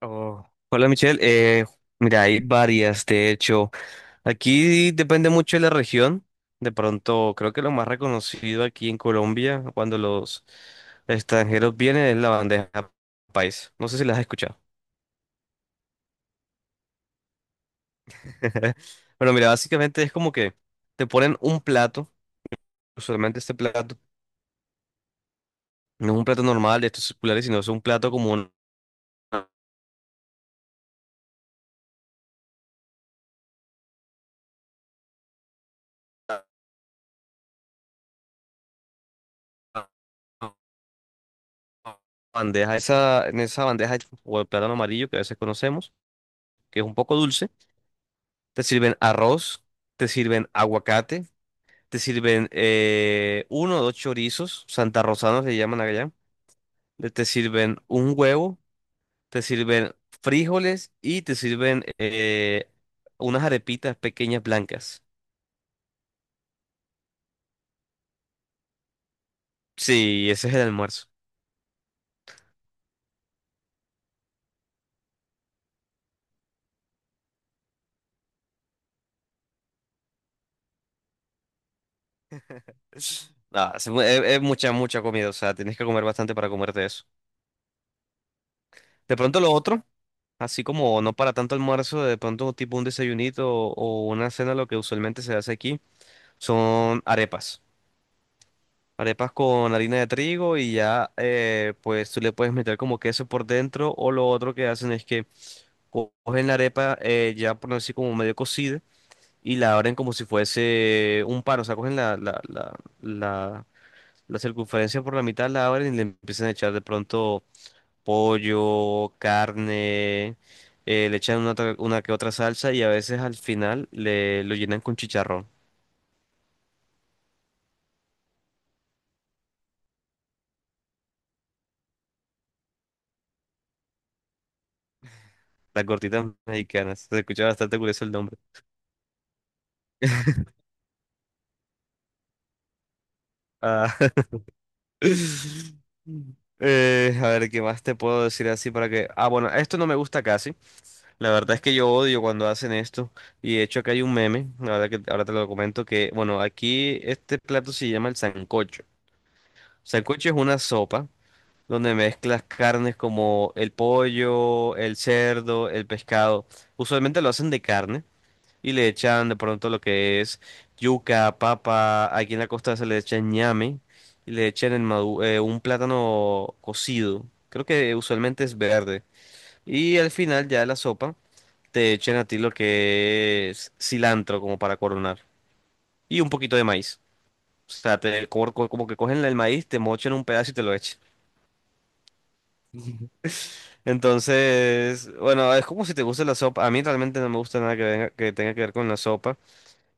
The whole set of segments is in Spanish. Oh, hola Michelle. Mira, hay varias, de hecho. Aquí depende mucho de la región. De pronto, creo que lo más reconocido aquí en Colombia, cuando los extranjeros vienen, es la bandeja país. No sé si las has escuchado. Bueno, mira, básicamente es como que te ponen un plato, usualmente este plato no es un plato normal de estos circulares, sino es un plato como una bandeja, esa, en esa bandeja o el plátano amarillo que a veces conocemos, que es un poco dulce. Te sirven arroz, te sirven aguacate, te sirven uno o dos chorizos, santarrosanos le llaman allá, te sirven un huevo, te sirven frijoles y te sirven unas arepitas pequeñas blancas. Sí, ese es el almuerzo. Es- es mucha, mucha comida, o sea, tienes que comer bastante para comerte eso. De pronto lo otro, así como no para tanto almuerzo, de pronto tipo un desayunito o una cena, lo que usualmente se hace aquí son arepas. Arepas con harina de trigo y ya, pues tú le puedes meter como queso por dentro o lo otro que hacen es que cogen la arepa ya por así como medio cocida y la abren como si fuese un pan, o sea, cogen la, la circunferencia por la mitad, la abren y le empiezan a echar de pronto pollo, carne, le echan una que otra salsa y a veces al final le lo llenan con chicharrón. Las gorditas mexicanas, se escucha bastante curioso el nombre. Ah. A ver, ¿qué más te puedo decir así para que... Ah, bueno, esto no me gusta casi. La verdad es que yo odio cuando hacen esto. Y de hecho acá hay un meme, la verdad que ahora te lo comento, que, bueno, aquí este plato se llama el sancocho. Sancocho es una sopa donde mezclas carnes como el pollo, el cerdo, el pescado. Usualmente lo hacen de carne y le echan de pronto lo que es yuca, papa, aquí en la costa se le echan ñame y le echan un plátano cocido, creo que usualmente es verde, y al final ya de la sopa te echan a ti lo que es cilantro como para coronar y un poquito de maíz. O sea, te, como, como que cogen el maíz, te mochan un pedazo y te lo echan. Entonces, bueno, es como si te gusta la sopa. A mí realmente no me gusta nada que tenga que ver con la sopa.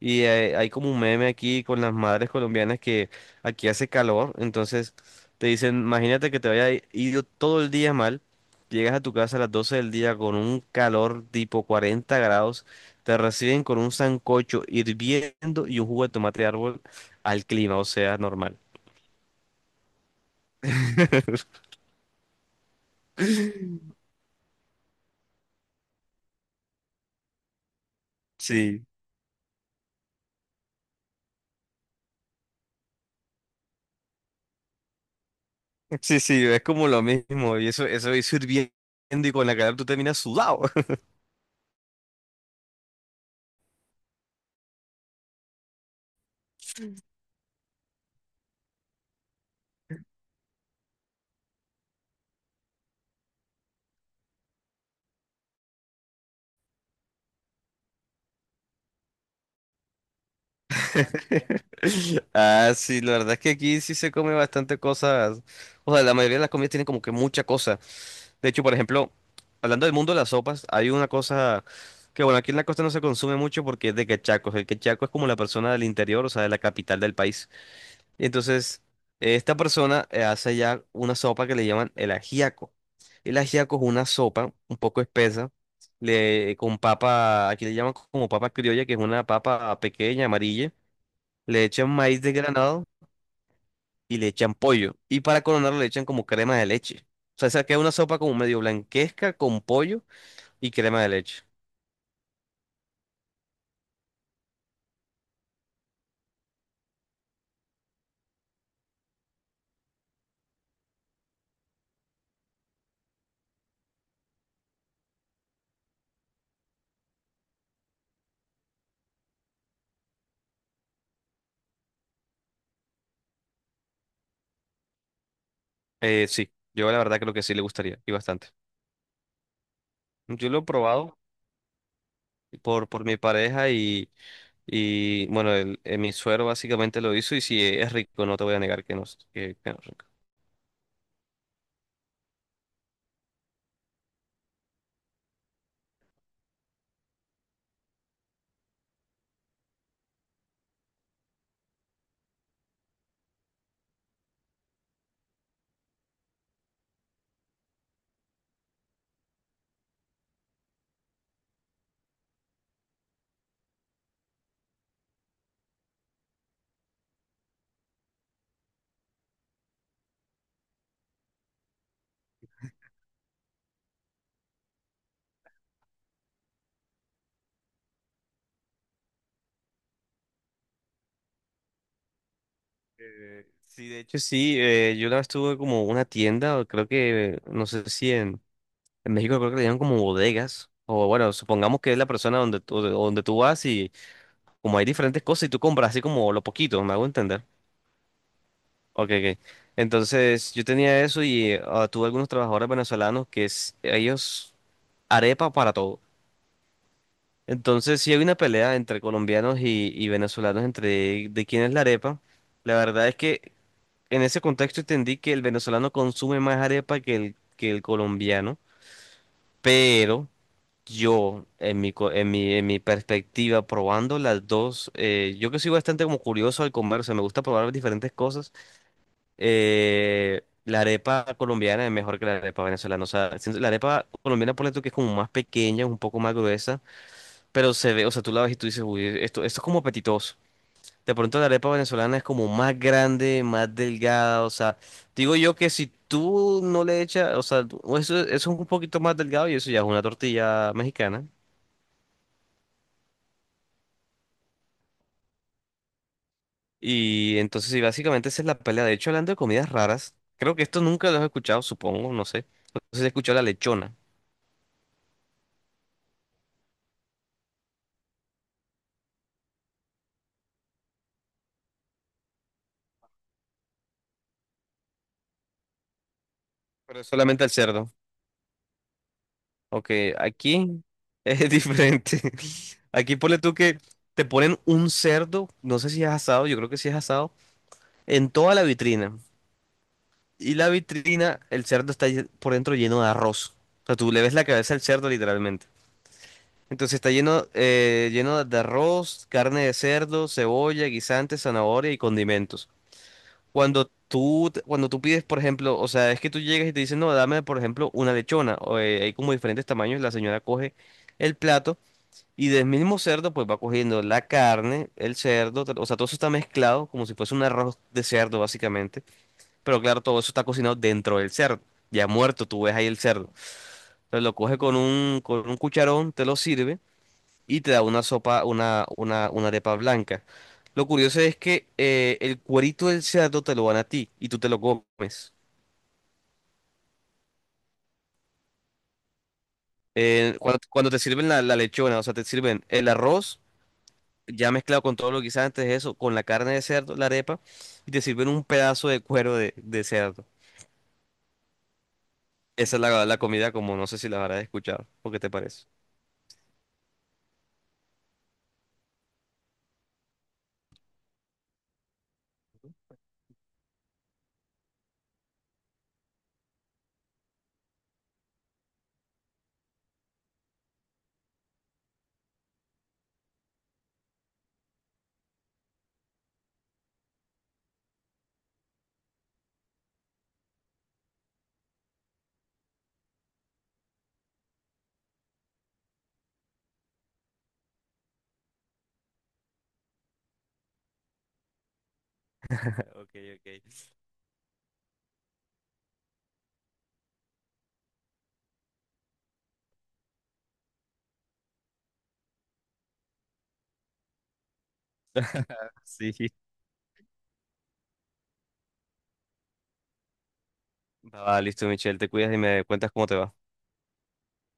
Y hay como un meme aquí con las madres colombianas que aquí hace calor, entonces te dicen, imagínate que te haya ido todo el día mal, llegas a tu casa a las 12 del día con un calor tipo 40 grados, te reciben con un sancocho hirviendo y un jugo de tomate de árbol al clima, o sea, normal. Sí, sí, sí, es como lo mismo, y eso es hirviendo y con la calor tú terminas sudado. Ah, sí, la verdad es que aquí sí se come bastante cosas. O sea, la mayoría de las comidas tienen como que mucha cosa. De hecho, por ejemplo, hablando del mundo de las sopas, hay una cosa que, bueno, aquí en la costa no se consume mucho porque es de quechacos. El quechaco es como la persona del interior, o sea, de la capital del país. Y entonces, esta persona hace ya una sopa que le llaman el ajiaco. El ajiaco es una sopa un poco espesa. Con papa, aquí le llaman como papa criolla, que es una papa pequeña, amarilla, le echan maíz desgranado y le echan pollo. Y para coronarlo le echan como crema de leche. O sea, esa queda una sopa como medio blanquesca con pollo y crema de leche. Sí, yo la verdad creo que sí le gustaría y bastante. Yo lo he probado por mi pareja y bueno, mi suero básicamente lo hizo y sí, es rico, no te voy a negar que no, que no es rico. Sí, de hecho sí, yo la vez tuve como una tienda, o creo que, no sé si en... En México creo que le llaman como bodegas. O bueno, supongamos que es la persona donde tú vas y como hay diferentes cosas y tú compras así como lo poquito, me hago entender. Ok, ok. Entonces yo tenía eso y tuve algunos trabajadores venezolanos que es, ellos arepa para todo. Entonces sí hay una pelea entre colombianos y venezolanos entre de quién es la arepa. La verdad es que en ese contexto entendí que el venezolano consume más arepa que que el colombiano, pero... Yo, en mi perspectiva, probando las dos, yo que soy bastante como curioso al comer, o sea, me gusta probar diferentes cosas. La arepa colombiana es mejor que la arepa venezolana. O sea, siento- la arepa colombiana, ponle tú que es como más pequeña, un poco más gruesa, pero se ve, o sea, tú la ves y tú dices, uy, esto es como apetitoso. De pronto la arepa venezolana es como más grande, más delgada, o sea, digo yo que si tú no le echas, o sea, eso, eso es un poquito más delgado y eso ya es una tortilla mexicana. Y entonces, sí, básicamente esa es la pelea. De hecho, hablando de comidas raras, creo que esto nunca lo has escuchado, supongo, no sé. No sé si has escuchado la lechona, pero es solamente al cerdo. Ok, aquí es diferente. Aquí ponle tú que te ponen un cerdo, no sé si es asado, yo creo que sí es asado, en toda la vitrina. Y la vitrina, el cerdo está por dentro lleno de arroz. O sea, tú le ves la cabeza al cerdo literalmente. Entonces está lleno, lleno de arroz, carne de cerdo, cebolla, guisantes, zanahoria y condimentos. Cuando tú pides, por ejemplo, o sea, es que tú llegas y te dicen, no, dame, por ejemplo, una lechona. O, hay como diferentes tamaños, la señora coge el plato y del mismo cerdo, pues va cogiendo la carne, o sea, todo eso está mezclado como si fuese un arroz de cerdo, básicamente. Pero claro, todo eso está cocinado dentro del cerdo. Ya muerto, tú ves ahí el cerdo. Entonces lo coge con con un cucharón, te lo sirve y te da una sopa, una arepa blanca. Lo curioso es que el cuerito del cerdo te lo dan a ti y tú te lo comes. Cuando te sirven la lechona, o sea, te sirven el arroz ya mezclado con todo lo que hice antes de eso, con la carne de cerdo, la arepa, y te sirven un pedazo de cuero de cerdo. Esa es la comida como no sé si la habrás escuchado. ¿O qué te parece? Ok, ok. Sí. Va, listo, Michelle, te cuidas y me cuentas cómo te va.